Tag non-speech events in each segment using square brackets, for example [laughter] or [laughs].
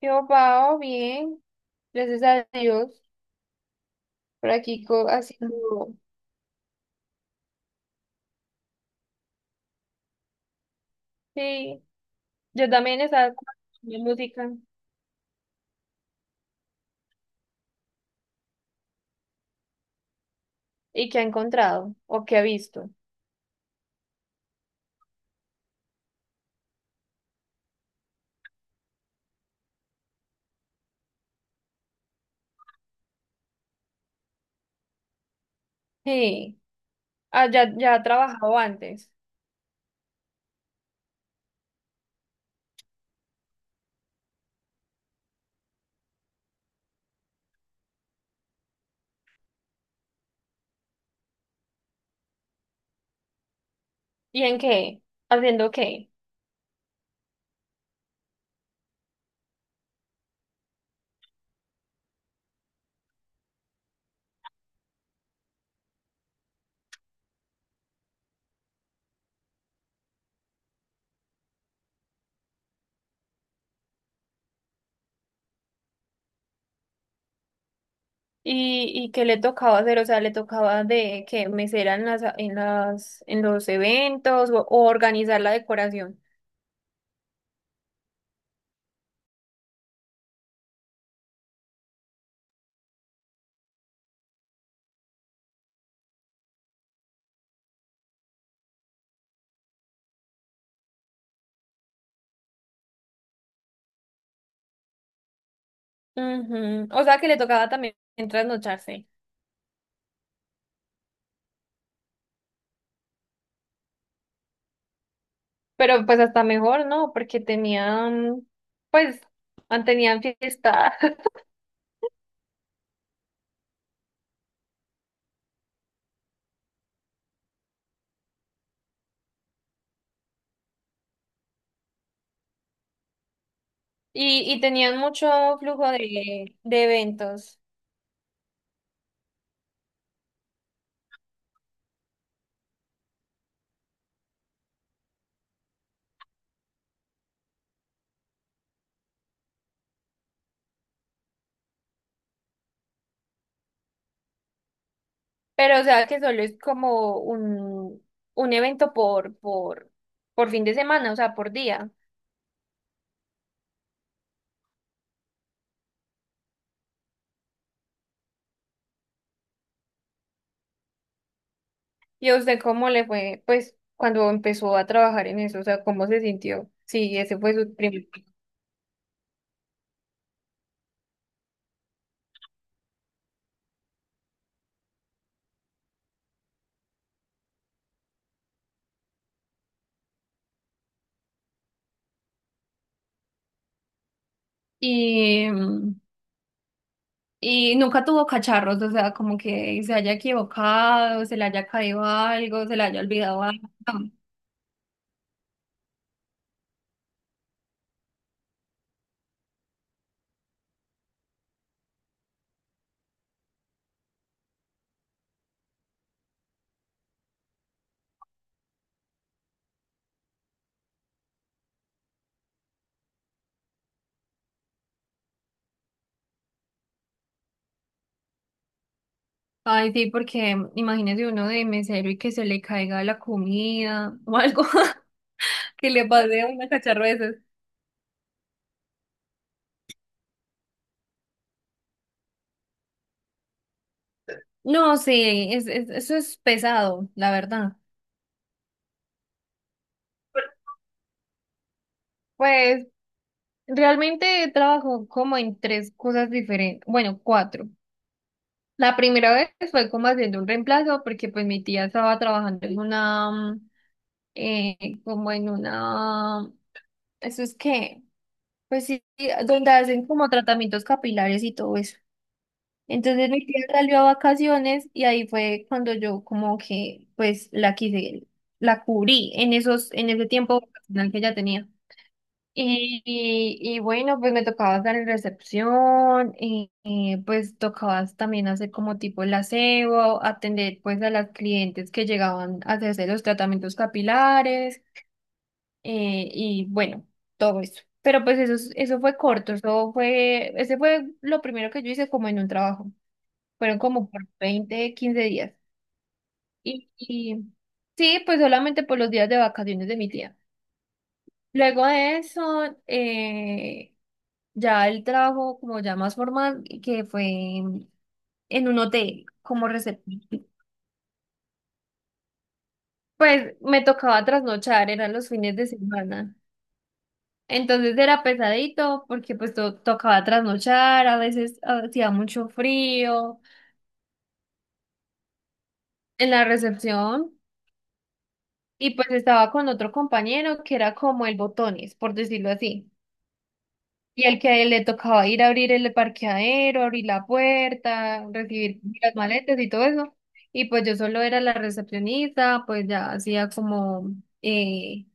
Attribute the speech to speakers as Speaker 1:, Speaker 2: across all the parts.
Speaker 1: Yo, Pao, bien, gracias a Dios, por aquí haciendo. Sí, yo también estaba con mi música. ¿Y qué ha encontrado? ¿O qué ha visto? Sí, ah, ya ha trabajado antes. ¿Y en qué? ¿Haciendo qué? ¿Y qué le tocaba hacer? O sea, ¿le tocaba de que mesera en los eventos o organizar la decoración? Ujú, o sea, que le tocaba también trasnocharse. Pero pues hasta mejor, ¿no? Porque pues, ah, tenían fiesta [laughs] y tenían mucho flujo de eventos. Pero o sea que solo es como un evento por fin de semana, o sea, por día. ¿Y a usted cómo le fue, pues, cuando empezó a trabajar en eso? O sea, ¿cómo se sintió? Sí, ese fue su primer. Y mm, Y nunca tuvo cacharros, o sea, como que se haya equivocado, se le haya caído algo, se le haya olvidado algo. Ay, sí, porque imagínese uno de mesero y que se le caiga la comida o algo [laughs] que le pase a una cacharro de esos. No, sí, eso es pesado, la verdad. Pues realmente trabajo como en tres cosas diferentes, bueno, cuatro. La primera vez fue como haciendo un reemplazo porque pues mi tía estaba trabajando en una como en una, eso es que, pues sí, sí, donde hacen como tratamientos capilares y todo eso. Entonces mi tía salió a vacaciones y ahí fue cuando yo como que pues la cubrí en en ese tiempo vacacional que ya tenía. Y bueno, pues me tocaba estar en recepción, pues tocaba también hacer como tipo el aseo, atender pues a las clientes que llegaban a hacerse los tratamientos capilares y bueno, todo eso. Pero pues eso fue corto, ese fue lo primero que yo hice como en un trabajo. Fueron como por 20 15 días. Y sí, pues solamente por los días de vacaciones de mi tía. Luego de eso, ya el trabajo como ya más formal, que fue en un hotel como recepción. Pues me tocaba trasnochar, eran los fines de semana. Entonces era pesadito porque pues tocaba trasnochar, a veces hacía mucho frío en la recepción y pues estaba con otro compañero que era como el botones, por decirlo así. Y al que a él le tocaba ir a abrir el parqueadero, abrir la puerta, recibir las maletas y todo eso. Y pues yo solo era la recepcionista, pues ya hacía como, eh,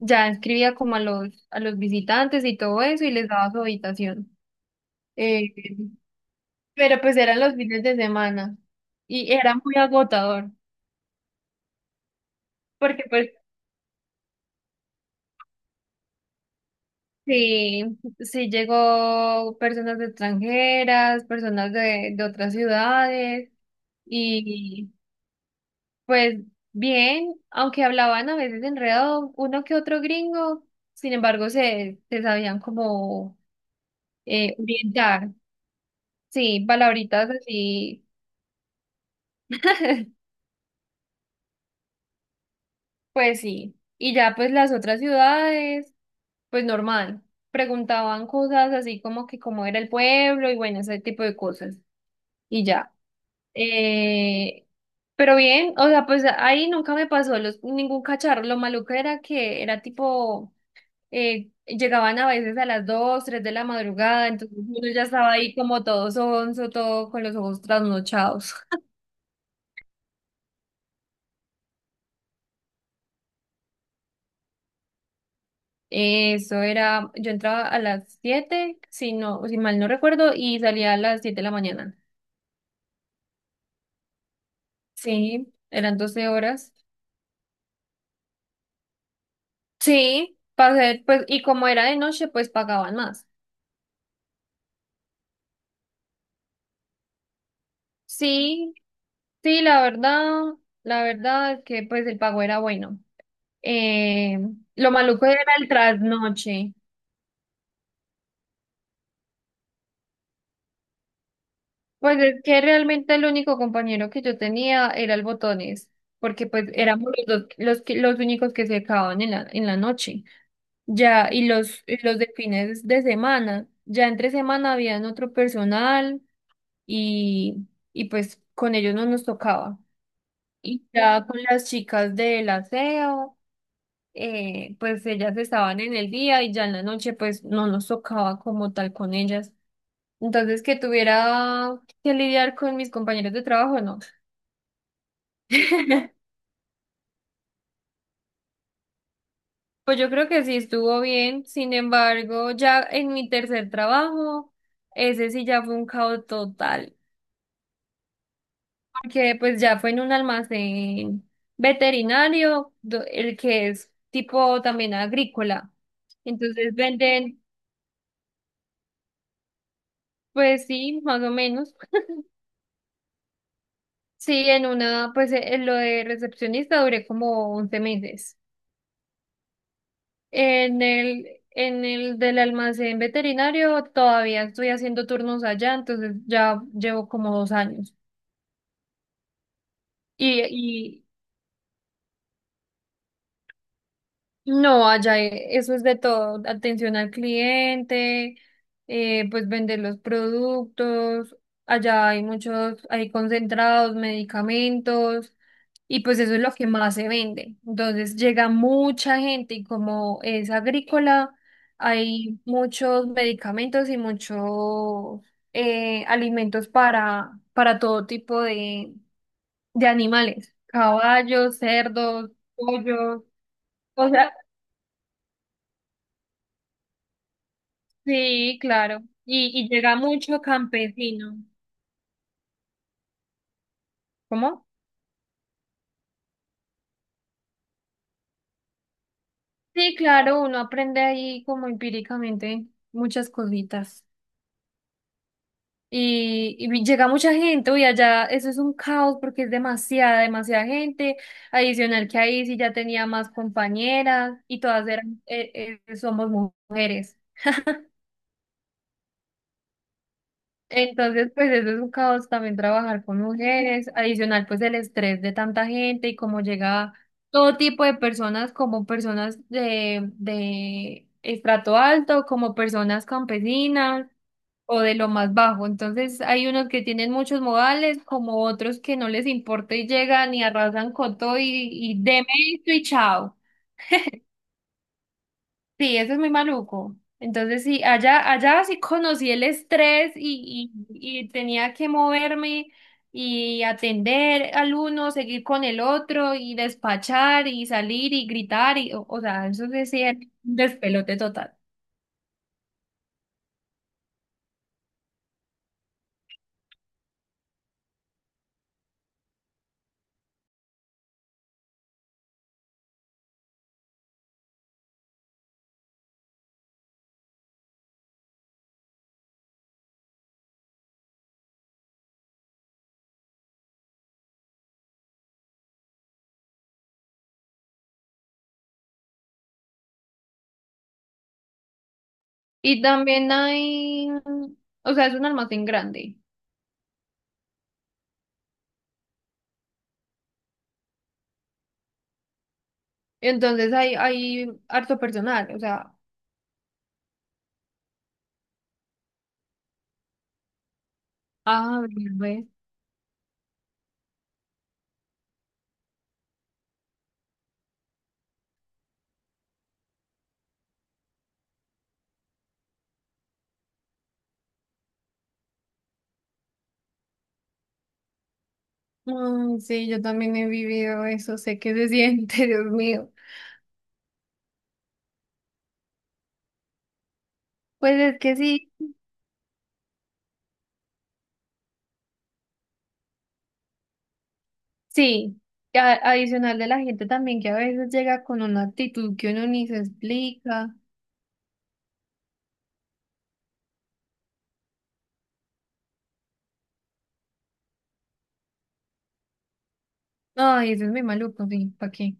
Speaker 1: ya escribía como a a los visitantes y todo eso y les daba su habitación. Eh, Pero pues eran los fines de semana y era muy agotador, porque pues sí, sí llegó personas extranjeras, personas de otras ciudades y pues bien, aunque hablaban a veces enredado uno que otro gringo, sin embargo se sabían como orientar, sí, palabritas así, [laughs] pues sí, y ya pues las otras ciudades. Pues normal. Preguntaban cosas así como que cómo era el pueblo y bueno, ese tipo de cosas. Y ya. Eh, pero bien, o sea, pues ahí nunca me pasó ningún cacharro. Lo maluco era que era tipo, llegaban a veces a las 2 3 de la madrugada, entonces uno ya estaba ahí como todo sonso, todo con los ojos trasnochados. [laughs] Eso era, yo entraba a las 7 si mal no recuerdo, y salía a las 7 de la mañana. Sí, eran 12 horas. Sí, para hacer, pues, y como era de noche, pues pagaban más. Sí, sí, la verdad es que pues el pago era bueno. Eh, lo maluco era el trasnoche. Pues es que realmente el único compañero que yo tenía era el botones, porque pues éramos los dos, los únicos que se acababan en en la noche. Ya, y los de fines de semana, ya entre semana habían otro personal y, y pues con ellos no nos tocaba. Y ya con las chicas del aseo, pues ellas estaban en el día y ya en la noche pues no nos tocaba como tal con ellas. Entonces que tuviera que lidiar con mis compañeros de trabajo, no. [laughs] Pues yo creo que sí estuvo bien, sin embargo, ya en mi tercer trabajo, ese sí ya fue un caos total, porque pues ya fue en un almacén veterinario, el que es tipo también agrícola. Entonces venden. Pues sí, más o menos. Sí, en una, pues en lo de recepcionista duré como 11 meses. En el del almacén veterinario todavía estoy haciendo turnos allá, entonces ya llevo como 2 años. Y, y no, allá eso es de todo, atención al cliente, pues vender los productos, allá hay muchos, hay concentrados, medicamentos. Y pues eso es lo que más se vende. Entonces llega mucha gente y como es agrícola, hay muchos medicamentos y muchos alimentos para todo tipo de animales, caballos, cerdos, pollos. O sea, sí, claro. Y llega mucho campesino. ¿Cómo? Sí, claro, uno aprende ahí como empíricamente muchas cositas. Y llega mucha gente, uy, allá eso es un caos porque es demasiada, demasiada gente. Adicional que ahí sí ya tenía más compañeras y todas somos mujeres. Entonces, pues eso es un caos también trabajar con mujeres. Adicional, pues el estrés de tanta gente y cómo llega todo tipo de personas, como personas de estrato alto, como personas campesinas. O de lo más bajo. Entonces hay unos que tienen muchos modales, como otros que no les importa y llegan y arrasan con todo y deme esto y chao. Sí, eso es muy maluco. Entonces sí, allá sí conocí el estrés y tenía que moverme y atender al uno, seguir con el otro y despachar y salir y gritar o sea, eso sí sí, era un despelote total. Y también hay, o sea, es un almacén grande. Entonces hay harto personal, o sea. Ah, bien, ve. Mm, sí, yo también he vivido eso, sé que se siente. [laughs] Dios mío. Pues es que sí, sí, adicional de la gente también que a veces llega con una actitud que uno ni se explica. Ay, eso es muy maluco, sí, ¿para qué?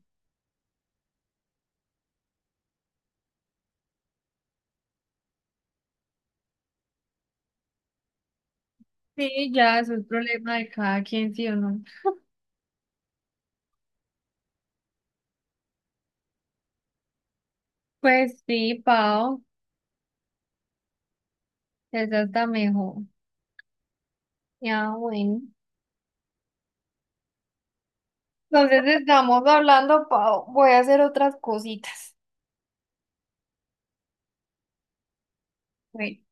Speaker 1: Sí, ya, eso es problema de cada quien, sí o no. Pues sí, Pau, esa está mejor. Ya, bueno. Entonces estamos hablando, Pau, voy a hacer otras cositas. Bueno.